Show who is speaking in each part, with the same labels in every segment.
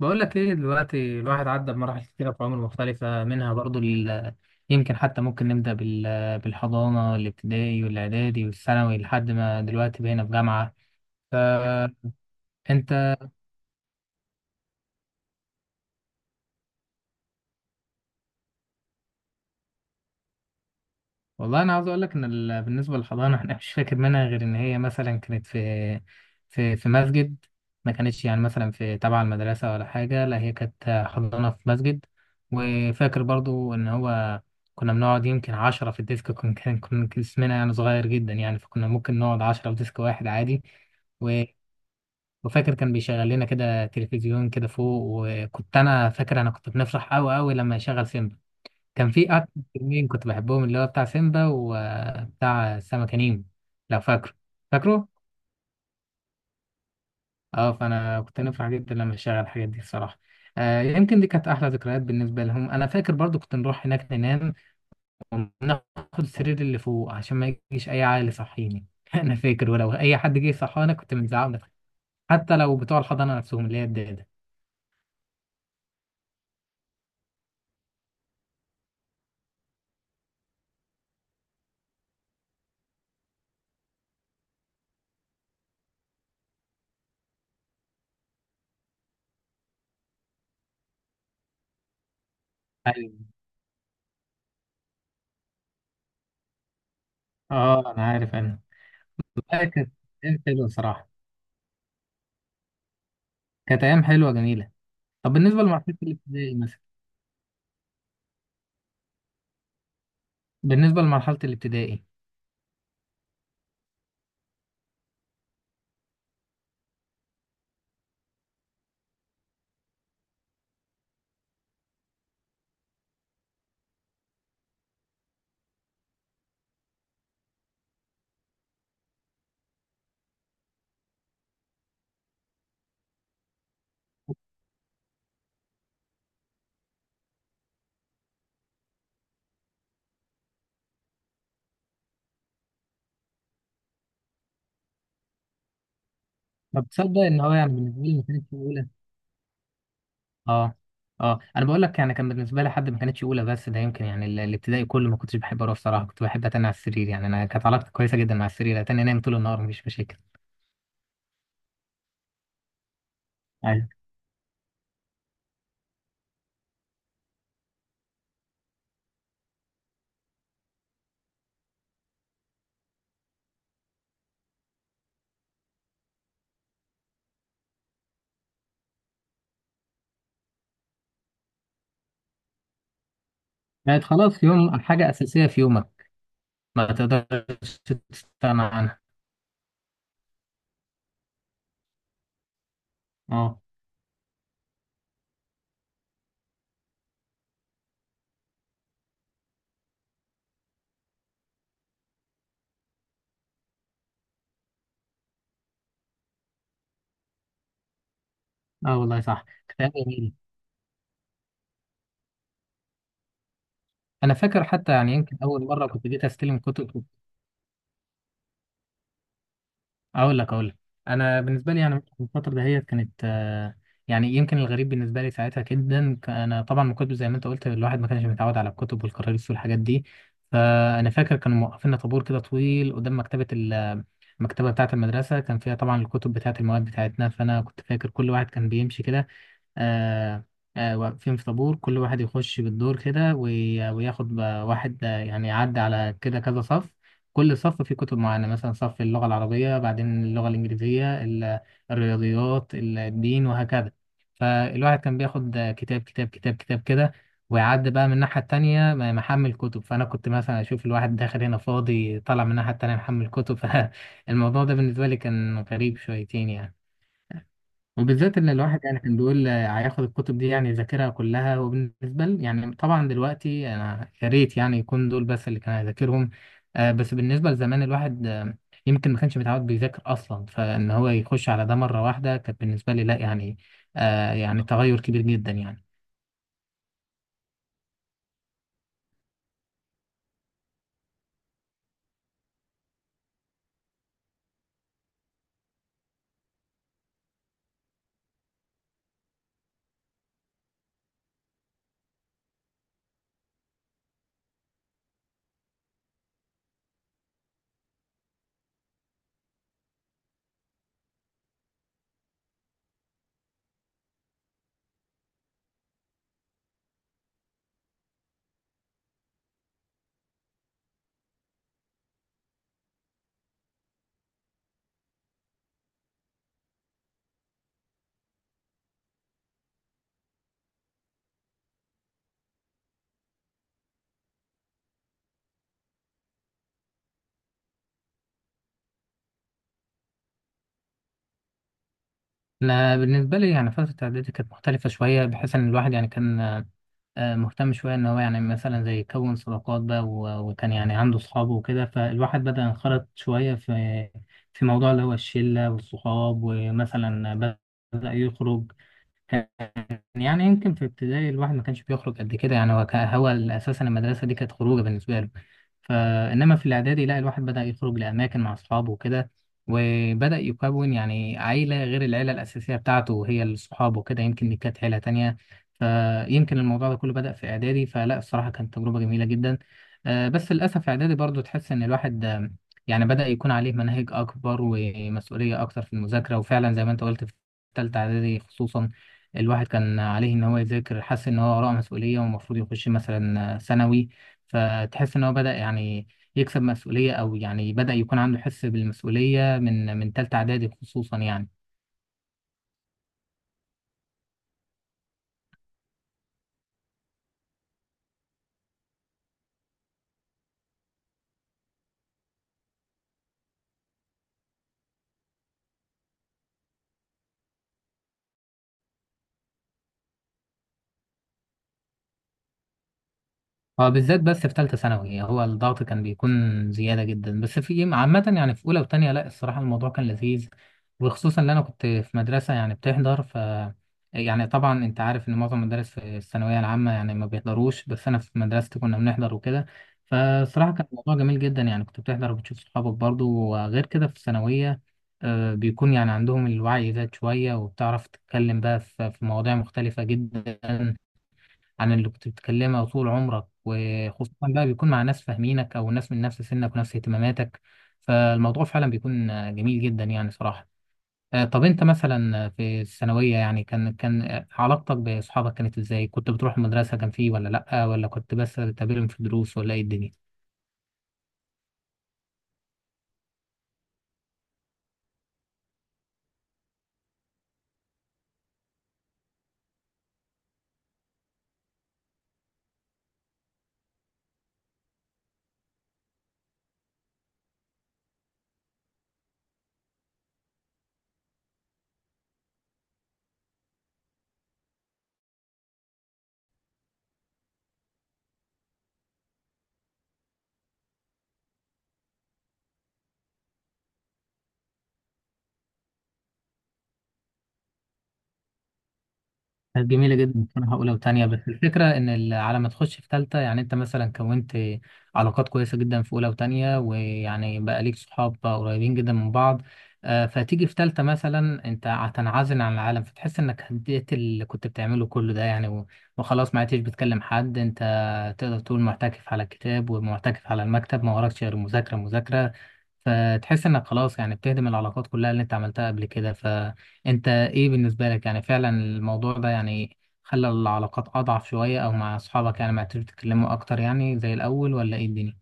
Speaker 1: بقول لك ايه دلوقتي؟ الواحد عدى بمراحل كتيرة في عمر مختلفة منها برضو يمكن حتى ممكن نبدأ بالحضانة، الابتدائي والإعدادي والثانوي لحد ما دلوقتي بقينا في جامعة. فأنت والله انا عاوز اقول لك ان بالنسبه للحضانه احنا مش فاكر منها غير ان هي مثلا كانت في في مسجد. ما كانتش يعني مثلا في تبع المدرسه ولا حاجه، لا هي كانت حضانه في مسجد. وفاكر برضو ان هو كنا بنقعد يمكن 10 في الديسك، كنا اسمنا يعني صغير جدا، يعني فكنا ممكن نقعد 10 في ديسك واحد عادي. و- وفاكر كان بيشغل لنا كده تلفزيون كده فوق، وكنت انا فاكر انا كنت بنفرح قوي قوي لما يشغل سيمبا. كان في أكتر فيلمين كنت بحبهم اللي هو بتاع سيمبا وبتاع سمكة نيمو، لو فاكره؟ فاكره؟ اه، فأنا كنت نفرح جدا لما أشغل الحاجات دي الصراحة. آه يمكن دي كانت أحلى ذكريات بالنسبة لهم. أنا فاكر برضو كنت نروح هناك ننام وناخد السرير اللي فوق عشان ما يجيش أي عائل يصحيني أنا فاكر ولو أي حد جه يصحانا كنت بنزعق، حتى لو بتوع الحضانة نفسهم اللي هي الدادة. أيوة، اه أنا عارف، أنا فاكر. أيام حلوة صراحة. كانت أيام حلوة جميلة. طب بالنسبة لمرحلة الابتدائي مثلا، بالنسبة لمرحلة الابتدائي، ما بتصدق ان هو يعني بالنسبة لي ما كانتش اولى. اه، اه انا بقول لك يعني كان بالنسبة لي حد ما كانتش اولى، بس ده يمكن يعني الابتدائي كله ما كنتش بحب اروح الصراحة. كنت بحب اتنى على السرير، يعني انا كانت علاقتي كويسة جدا مع السرير، اتنى انام طول النهار مفيش مشاكل. ايوه، بقت خلاص يوم حاجة اساسية في يومك، ما تقدرش تستغنى عنها. اه، اه والله صح، كتاب جميل. انا فاكر حتى يعني يمكن اول مرة كنت جيت استلم كتب. اقول لك، انا بالنسبه لي يعني الفتره دهيت كانت، يعني يمكن الغريب بالنسبه لي ساعتها جدا، انا طبعا من كتب زي ما انت قلت الواحد ما كانش متعود على الكتب والكراريس والحاجات دي. فانا فاكر كانوا موقفين طابور كده طويل قدام مكتبه المكتبه بتاعه المدرسه، كان فيها طبعا الكتب بتاعه المواد بتاعتنا. فانا كنت فاكر كل واحد كان بيمشي كده، آه، واقفين في طابور، كل واحد يخش بالدور كده وياخد واحد، يعني يعدي على كده كذا صف. كل صف فيه كتب معينة، مثلا صف اللغة العربية، بعدين اللغة الإنجليزية، الرياضيات، الدين، وهكذا. فالواحد كان بياخد كتاب كتاب كتاب كتاب كده، ويعدي بقى من الناحية التانية محمل كتب. فأنا كنت مثلا أشوف الواحد داخل هنا فاضي طالع من الناحية التانية محمل كتب فالموضوع ده بالنسبة لي كان غريب شويتين يعني. وبالذات ان الواحد يعني كان بيقول هياخد الكتب دي يعني يذاكرها كلها، وبالنسبه لي يعني طبعا دلوقتي انا يا ريت يعني يكون دول بس اللي كان هيذاكرهم. بس بالنسبه لزمان الواحد، يمكن ما كانش متعود بيذاكر اصلا، فان هو يخش على ده مره واحده كانت بالنسبه لي لا يعني، يعني تغير كبير جدا يعني. انا بالنسبه لي يعني فتره اعدادي كانت مختلفه شويه، بحيث ان الواحد يعني كان مهتم شوية إن هو يعني مثلا زي يكون صداقات بقى، وكان يعني عنده صحابه وكده. فالواحد بدأ ينخرط شوية في موضوع اللي هو الشلة والصحاب، ومثلا بدأ يخرج. كان يعني يمكن في ابتدائي الواحد ما كانش بيخرج قد كده، يعني هو هو اساسا المدرسه دي كانت خروجه بالنسبه له. فانما في الاعدادي لا، الواحد بدا يخرج لاماكن مع اصحابه وكده، وبدا يكون يعني عيله غير العيله الاساسيه بتاعته، وهي الصحاب وكده، يمكن دي كانت عيله تانية. فيمكن الموضوع ده كله بدا في اعدادي، فلا الصراحه كانت تجربه جميله جدا. بس للاسف اعدادي برضو تحس ان الواحد، يعني بدا يكون عليه مناهج اكبر ومسؤوليه اكتر في المذاكره، وفعلا زي ما انت قلت في تالتة اعدادي خصوصا، الواحد كان عليه ان هو يذاكر، حس ان هو وراه مسؤوليه ومفروض يخش مثلا ثانوي. فتحس ان هو بدا يعني يكسب مسؤوليه، او يعني بدا يكون عنده حس بالمسؤوليه من ثالثه اعدادي خصوصا يعني. هو بالذات بس في ثالثة ثانوي يعني هو الضغط كان بيكون زيادة جدا، بس في عامة يعني في أولى وتانية لا الصراحة الموضوع كان لذيذ. وخصوصا إن أنا كنت في مدرسة يعني بتحضر، يعني طبعا أنت عارف إن معظم المدارس في الثانوية العامة يعني ما بيحضروش، بس أنا في مدرستي كنا بنحضر وكده. فالصراحة كان الموضوع جميل جدا يعني، كنت بتحضر وبتشوف صحابك برضو، وغير كده في الثانوية بيكون يعني عندهم الوعي زاد شوية، وبتعرف تتكلم بقى في مواضيع مختلفة جدا عن اللي كنت بتتكلمها طول عمرك، وخصوصا بقى بيكون مع ناس فاهمينك او ناس من نفس سنك ونفس اهتماماتك. فالموضوع فعلا بيكون جميل جدا يعني صراحة. طب انت مثلا في الثانوية يعني كان علاقتك بأصحابك كانت ازاي؟ كنت بتروح المدرسة كان فيه ولا لأ؟ ولا كنت بس بتقابلهم في الدروس؟ ولا ايه الدنيا؟ كانت جميلة جدا بصراحة أولى وتانية، بس الفكرة إن على ما تخش في تالتة، يعني أنت مثلا كونت علاقات كويسة جدا في أولى وتانية، ويعني بقى ليك صحاب قريبين جدا من بعض. فتيجي في تالتة مثلا أنت هتنعزل عن العالم، فتحس إنك هديت اللي كنت بتعمله كله ده يعني، وخلاص ما عدتش بتكلم حد. أنت تقدر تقول معتكف على الكتاب ومعتكف على المكتب، ما وراكش غير مذاكرة مذاكرة. فتحس إنك خلاص يعني بتهدم العلاقات كلها اللي أنت عملتها قبل كده. انت ايه بالنسبة لك؟ يعني فعلا الموضوع ده يعني خلى العلاقات اضعف شوية، او مع اصحابك يعني ما عرفتوا تتكلموا اكتر يعني زي الاول، ولا ايه الدنيا؟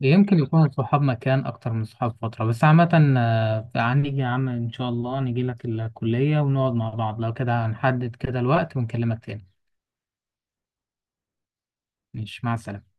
Speaker 1: يمكن يكون الصحاب مكان اكتر من الصحاب فترة، بس عامة هنيجي يا عم ان شاء الله، نجي لك الكلية ونقعد مع بعض، لو كده هنحدد كده الوقت ونكلمك تاني. مش مع السلامة.